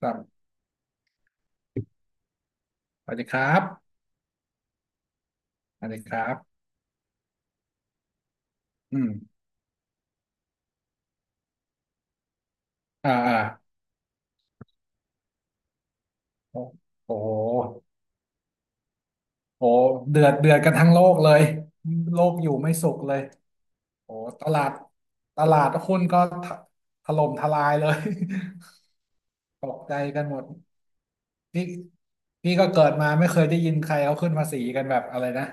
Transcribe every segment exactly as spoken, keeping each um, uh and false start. ครับสวัสดีครับสวัสดีครับอืมอ่าอ่าโอ้โอ้โหโอ้เดือดเดือดกันทั้งโลกเลย โลกอยู่ไม่สุขเลยโอ้ตลาดตลาดหุ้นก็ถถล่มทลายเลย ตกใจกันหมดพี่พี่ก็เกิดมาไม่เคยได้ยินใครเขาขึ้นภาษีกันแบบอะไรนะ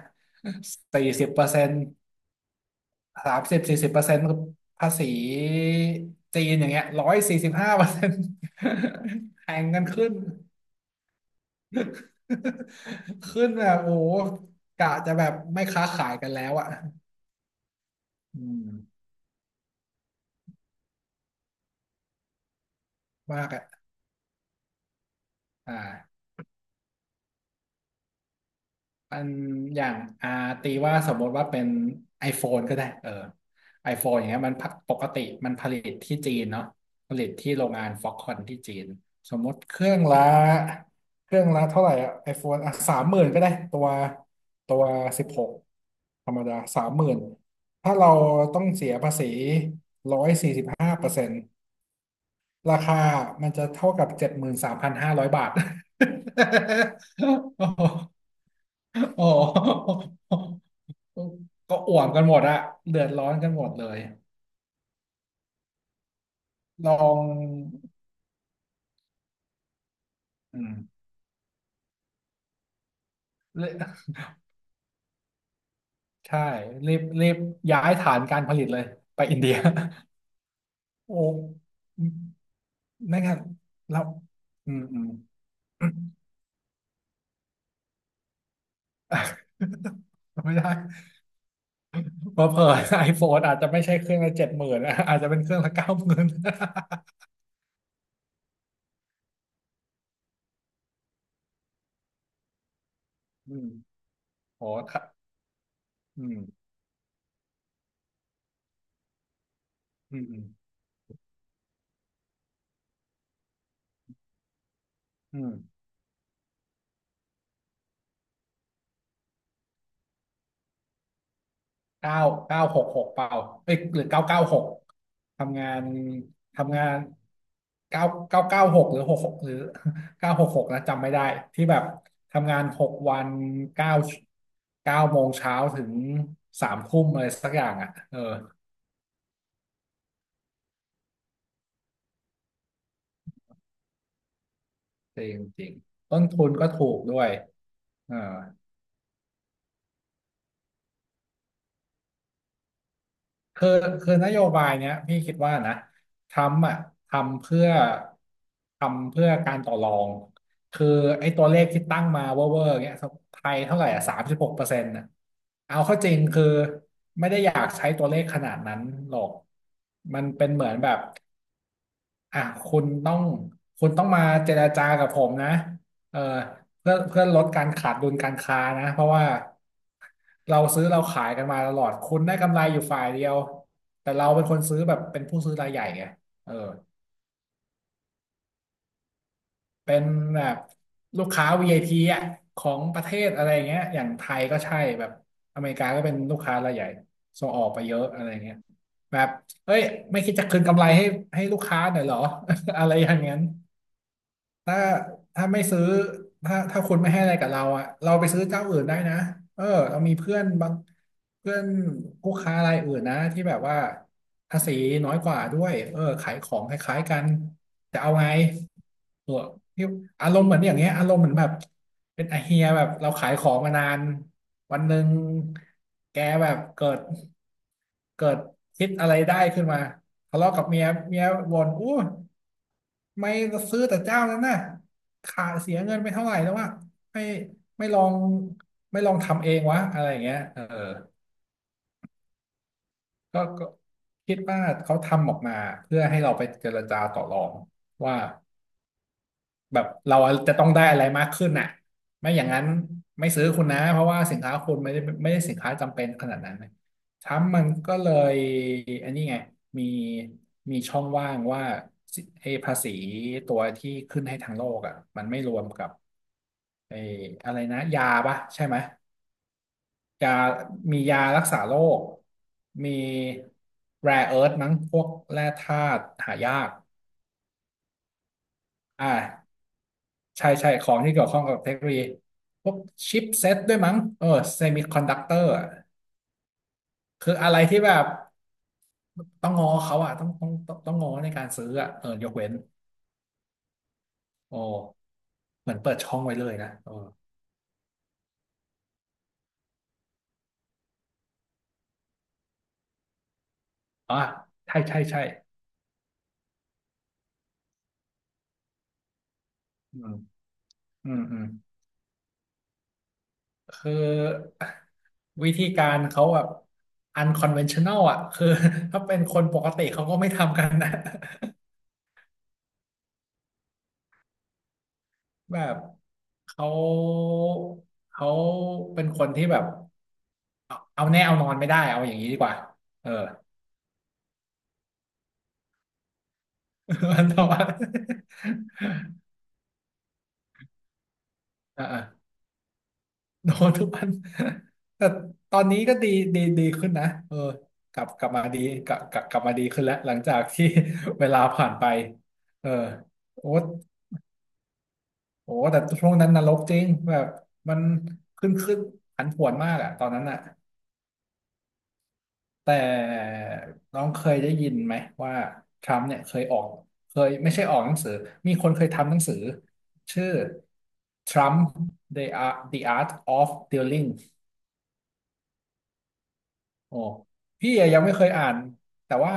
สี่สิบเปอร์เซ็นต์สามสิบสี่สิบเปอร์เซ็นต์ภาษีจีนอย่างเงี้ยร้อยสี่สิบห้าเปอร์เซ็นต์ แข่งกันขึ้น ขึ้นแบบโอ้โหกะจะแบบไม่ค้าขายกันแล้วอ่ะอืมมากอ่ะอ่าอันอย่างอ่าตีว่าสมมติว่าเป็น iPhone ก็ได้เออ iPhone อย่างเงี้ยมันพักปกติมันผลิตที่จีนเนาะผลิตที่โรงงานฟ็อกคอนที่จีนสมมติเครื่องละเครื่องละเท่าไหร่อะ iPhone อ่ะสามหมื่นก็ได้ตัวตัวสิบหกธรรมดาสามหมื่นถ้าเราต้องเสียภาษีร้อยสี่สิบห้าเปอร์เซ็นต์ ราคามันจะเท่ากับเจ็ดหมื่นสามพันห้าร้อยบาท โอ้โหก็อ่วมกันหมดอะเดือดร้อนกันหมดเลย ลอง อืมเลใช่ รีบรีบย้ายฐานการผลิตเลย ไปอินเดีย โอ้ไม่งั้นเรา อืมอืม อ่ะไม่ได้เพราะเผื่อไอโฟนอาจจะไม่ใช่เครื่องละเจ็ดหมื่นอาจจะเป็นเครื่องละเก้าหมื่น อืมโห อืมอืมอืมเก้าเก้าหกหกเปล่าเอ้ยหรือเก้าเก้าหกทำงานทำงานเก้าเก้าเก้าหกหรือหกหกหรือ เก้าหกหกนะจำไม่ได้ที่แบบทำงานหกวันเก้าเก้าโมงเช้าถึงสามทุ่มอะไรสักอย่างอ่ะเออจริงจริงต้นทุนก็ถูกด้วยเออ คือคือนโยบายเนี้ยพี่คิดว่านะทรัมป์อ่ะทำเพื่อทำเพื่อการต่อรองคือไอ้ตัวเลขที่ตั้งมาเวอร์เวอร์เงี้ยไทยเท่าไหร่อ่ะสามสิบหกเปอร์เซ็นต์่ะเอาเข้าจริงคือไม่ได้อยากใช้ตัวเลขขนาดนั้นหรอกมันเป็นเหมือนแบบ อ่ะคุณต้องคุณต้องมาเจรจากับผมนะเออเพื่อเพื่อลดการขาดดุลการค้านะเพราะว่าเราซื้อเราขายกันมาตลอดคุณได้กำไรอยู่ฝ่ายเดียวแต่เราเป็นคนซื้อแบบเป็นผู้ซื้อรายใหญ่ไงเออเป็นแบบลูกค้า วี ไอ พี อพีอ่ะของประเทศอะไรอย่างเงี้ยอย่างไทยก็ใช่แบบอเมริกาก็เป็นลูกค้ารายใหญ่ส่งออกไปเยอะอะไรเงี้ยแบบเอ้ยไม่คิดจะคืนกำไรให้ให้ลูกค้าหน่อยเหรอ อะไรอย่างนั้น ถ้าถ้าไม่ซื้อถ้าถ้าคุณไม่ให้อะไรกับเราอ่ะเราไปซื้อเจ้าอื่นได้นะเออเรามีเพื่อนบางเพื่อนผู้ค้ารายอื่นนะที่แบบว่าภาษีน้อยกว่าด้วยเออขายของคล้ายๆกันจะเอาไงเออพี่อารมณ์เหมือนอย่างเงี้ยอารมณ์เหมือนแบบเป็นไอาเฮียแบบเราขายของมานานวันหนึ่งแกแบบเกิดเกิดคิดอะไรได้ขึ้นมาทะเลาะกับเมียเมียบ่นอู้ ไม่ซื้อแต่เจ้านั้นน่ะขาเสียเงินไปเท่าไหร่แล้ววะไม่ไม่ลองไม่ลองทำเองวะอะไรอย่างเงี้ยเออก็ก็คิดว่าเขาทำออกมาเพื่อให้เราไปเจรจาต่อรองว่า แบบเราจะต้องได้อะไรมากขึ้นน่ะไม่อย่างนั้นไม่ซื้อคุณนะเพราะว่าสินค้าคุณไม่ได้ไม่ได้สินค้าจำเป็นขนาดนั้นนะทรัมป์มันก็เลยอันนี้ไงมีมีช่องว่างว่าสิไอ้ภาษีตัวที่ขึ้นให้ทางโลกอ่ะมันไม่รวมกับไอ้อะไรนะยาปะใช่ไหมยามียารักษาโรคมี rare earth มั้งพวกแร่ธาตุหายากอ่า ใช่ใช่ของที่เกี่ยวข้องกับเทคโนโลยีพวกชิปเซตด้วยมั้งเออเซมิคอนดักเตอร์คืออะไรที่แบบต้องงอเขาอะต้องต้องต้องต้องงอในการซื้ออะเออยกเว้นโอ้เหมือนเปิดช่องไว้เลยนะเอออ๋อใช่ใช่ใช่อืมอืมอืมคือวิธีการเขาแบบ unconventional อะคือ ถ้าเป็นคนปกติเขาก็ไม่ทำกันนะ แบบเขาเขาเป็นคนที่แบบ เอาแน่เอานอนไม่ได้เอาอย่างนี้ดีกว่าเออ วันต่อวัน อ่าอ่า โดนทุกวันแต่ตอนนี้ก็ดีดีดีขึ้นนะเออกลับกลับมาดีกลับกลับกลับมาดีขึ้นแล้วหลังจากที่ เวลาผ่านไปเออโอ้โอ้แต่ช่วงนั้นนรกจริงแบบมันขึ้นขึ้นผันผวนมากอะตอนนั้นอะ แต่น้องเคยได้ยินไหมว่าทรัมป์เนี่ยเคยออกเคยไม่ใช่ออกหนังสือมีคนเคยทำหนังสือชื่อ Trump the Art the Art of Dealing โอ้พี่อะยังไม่เคยอ่านแต่ว่า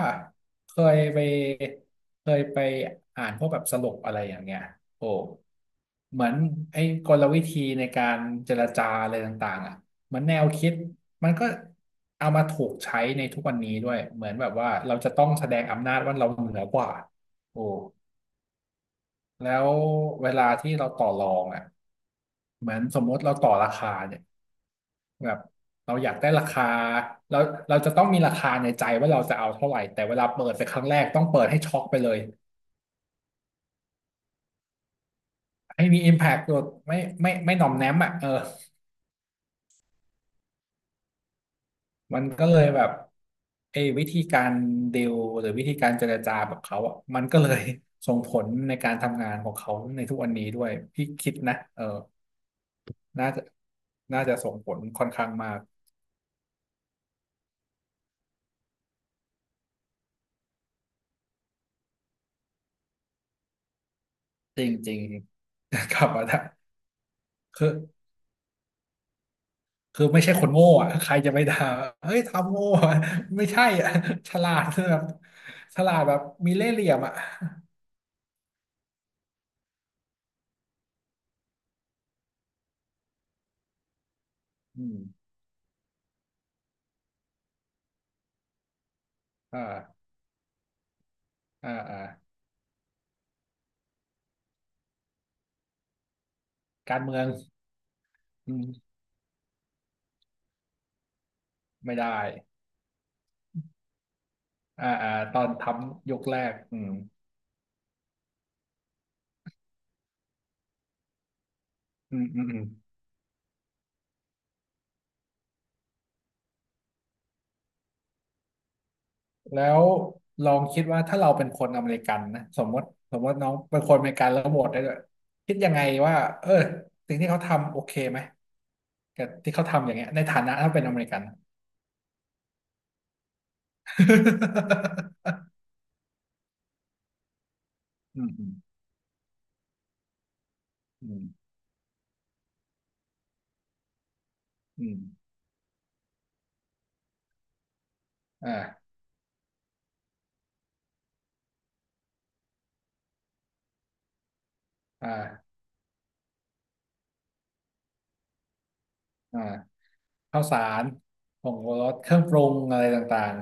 เคยไปเคยไปอ่านพวกแบบสรุปอะไรอย่างเงี้ยโอ้เหมือนไอ้กลวิธีในการเจรจาอะไรต่างๆอ่ะเหมือนแนวคิดมันก็เอามาถูกใช้ในทุกวันนี้ด้วยเหมือนแบบว่าเราจะต้องแสดงอำนาจว่าเราเหนือกว่าโอ้แล้วเวลาที่เราต่อรองอ่ะเหมือนสมมติเราต่อราคาเนี่ย แบบเราอยากได้ราคาเราเราจะต้องมีราคาในใจว่าเราจะเอาเท่าไหร่แต่เวลาเปิดไปครั้งแรกต้องเปิดให้ช็อกไปเลยให้มี impact ตัวไม่ไม่ไม่หน่อมแนมอ่ะเออมันก็เลยแบบเออวิธีการดีลหรือวิธีการเจรจาแบบเขาอ่ะมันก็เลยส่งผลในการทำงานของเขาในทุกวันนี้ด้วยพี่คิดนะเออน่าจะน่าจะส่งผลค่อนข้างมากจริงๆ กลับ มาได้คือ คือไม่ใช่คนโง่อะใครจะไปด่าเฮ้ยทำโง่อะไม่ใช่อะฉลาดคือแบบฉลาดแบบมีเล่ห์เหลี่ยมอ่ะอืมอ่าอ่าอ่าการเมืองอืมไม่ได้อ่าอ่าตอนทำยกแรกอืมอืมอืมอืมแล้วลองคิดว่าถ้าเราเป็นคนอเมริกันนะสมมติสมมติน้องเป็นคนอเมริกันแล้วโหวตได้ด้วยคิดยังไงว่าเออสิ่งที่เขาทำโอเคไหมกับที่เขาทำอย่างเงี้ยในฐานะถ้าเป็นอเมริกัน อืม อืมอืมอ่าอ่าอ่าข้าวสารผงชูรสเครื่องปรุงอะไรต่าง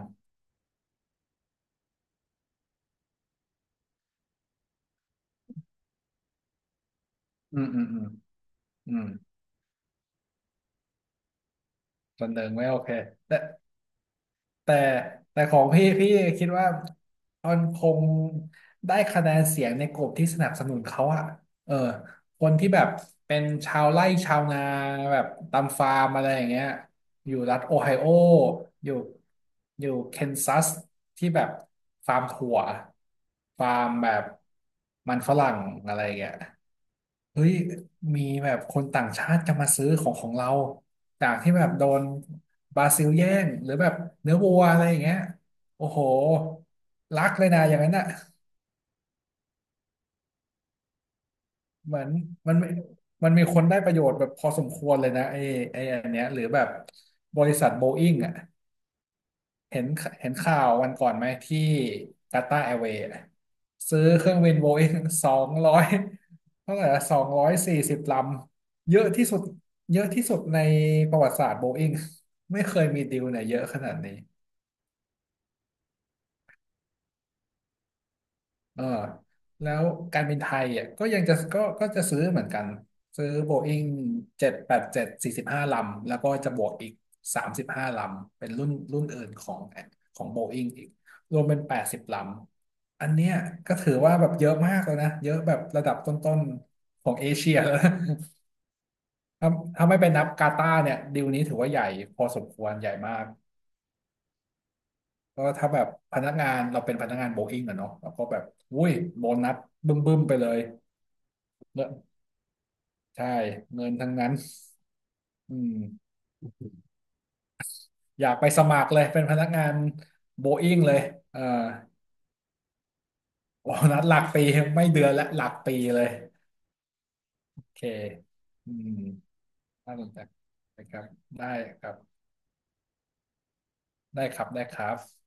ๆอืมอืมอืมอืมจนหนึ่งไม่โอเค แต่แต่ของพี่พี่คิดว่ามันคงได้คะแนนเสียงในกลุ่มที่สนับสนุนเขาอะเออคนที่แบบเป็นชาวไร่ชาวนาแบบตามฟาร์มอะไรอย่างเงี้ยอยู่รัฐโอไฮโออยู่อยู่เคนซัสที่แบบฟาร์มถั่วฟาร์มแบบมันฝรั่งอะไรอย่างเงี้ย เฮ้ยมีแบบคนต่างชาติจะมาซื้อของของเราจากที่แบบโดนบราซิลแย่งหรือแบบเนื้อวัวอะไรอย่างเงี้ยโอ้โหรักเลยนะอย่างนั้นอ่ะเหมือนมันมีมันมีคนได้ประโยชน์แบบพอสมควรเลยนะไอ้ไอ้อันเนี้ยหรือแบบบริษัทโบอิ n งอ่ะ เห็นเห็นข่าววันก่อนไหมที่กาตาร์แอร์เวย์นะซื้อเครื่องบินโบอิ้งสองร้อยเท่าไหร่สองร้อยสี่สิบลำเยอะที่สุดเยอะที่สุดในประวัติศาสตร์โบอิ้งไม่เคยมีดีลไหนเยอะขนาดนี้ เออแล้วการบินไทยอ่ะก็ยังจะก็ก็จะซื้อเหมือนกันซื้อโบอิ้งเจ็ดแปดเจ็ดสี่สิบห้าลำแล้วก็จะบวกอีกสามสิบห้าลำเป็นรุ่นรุ่นอื่นของของโบอิ้งอีกรวมเป็นแปดสิบลำอันเนี้ยก็ถือว่าแบบเยอะมากเลยนะเยอะแบบระดับต้นๆของเอเชีย แล้วนะถ้าถ้าไม่ไปนับกาตาร์เนี่ยดีลนี้ถือว่าใหญ่พอสมควรใหญ่มากก็ถ้าแบบพนักงานเราเป็นพนักงานโบอิ้งอะเนาะเราก็แบบอุ้ยโบนัสบึ้มๆไปเลย ใช่เงินทั้งนั้นอืมอยากไปสมัครเลยเป็นพนักงานโบอิ้งเลยเออโอ้นัดหลักปีไม่เดือนละหลักปีเลยโอเคอืมน่าสนใจนะครับได้ครับได้ครับได้ครับ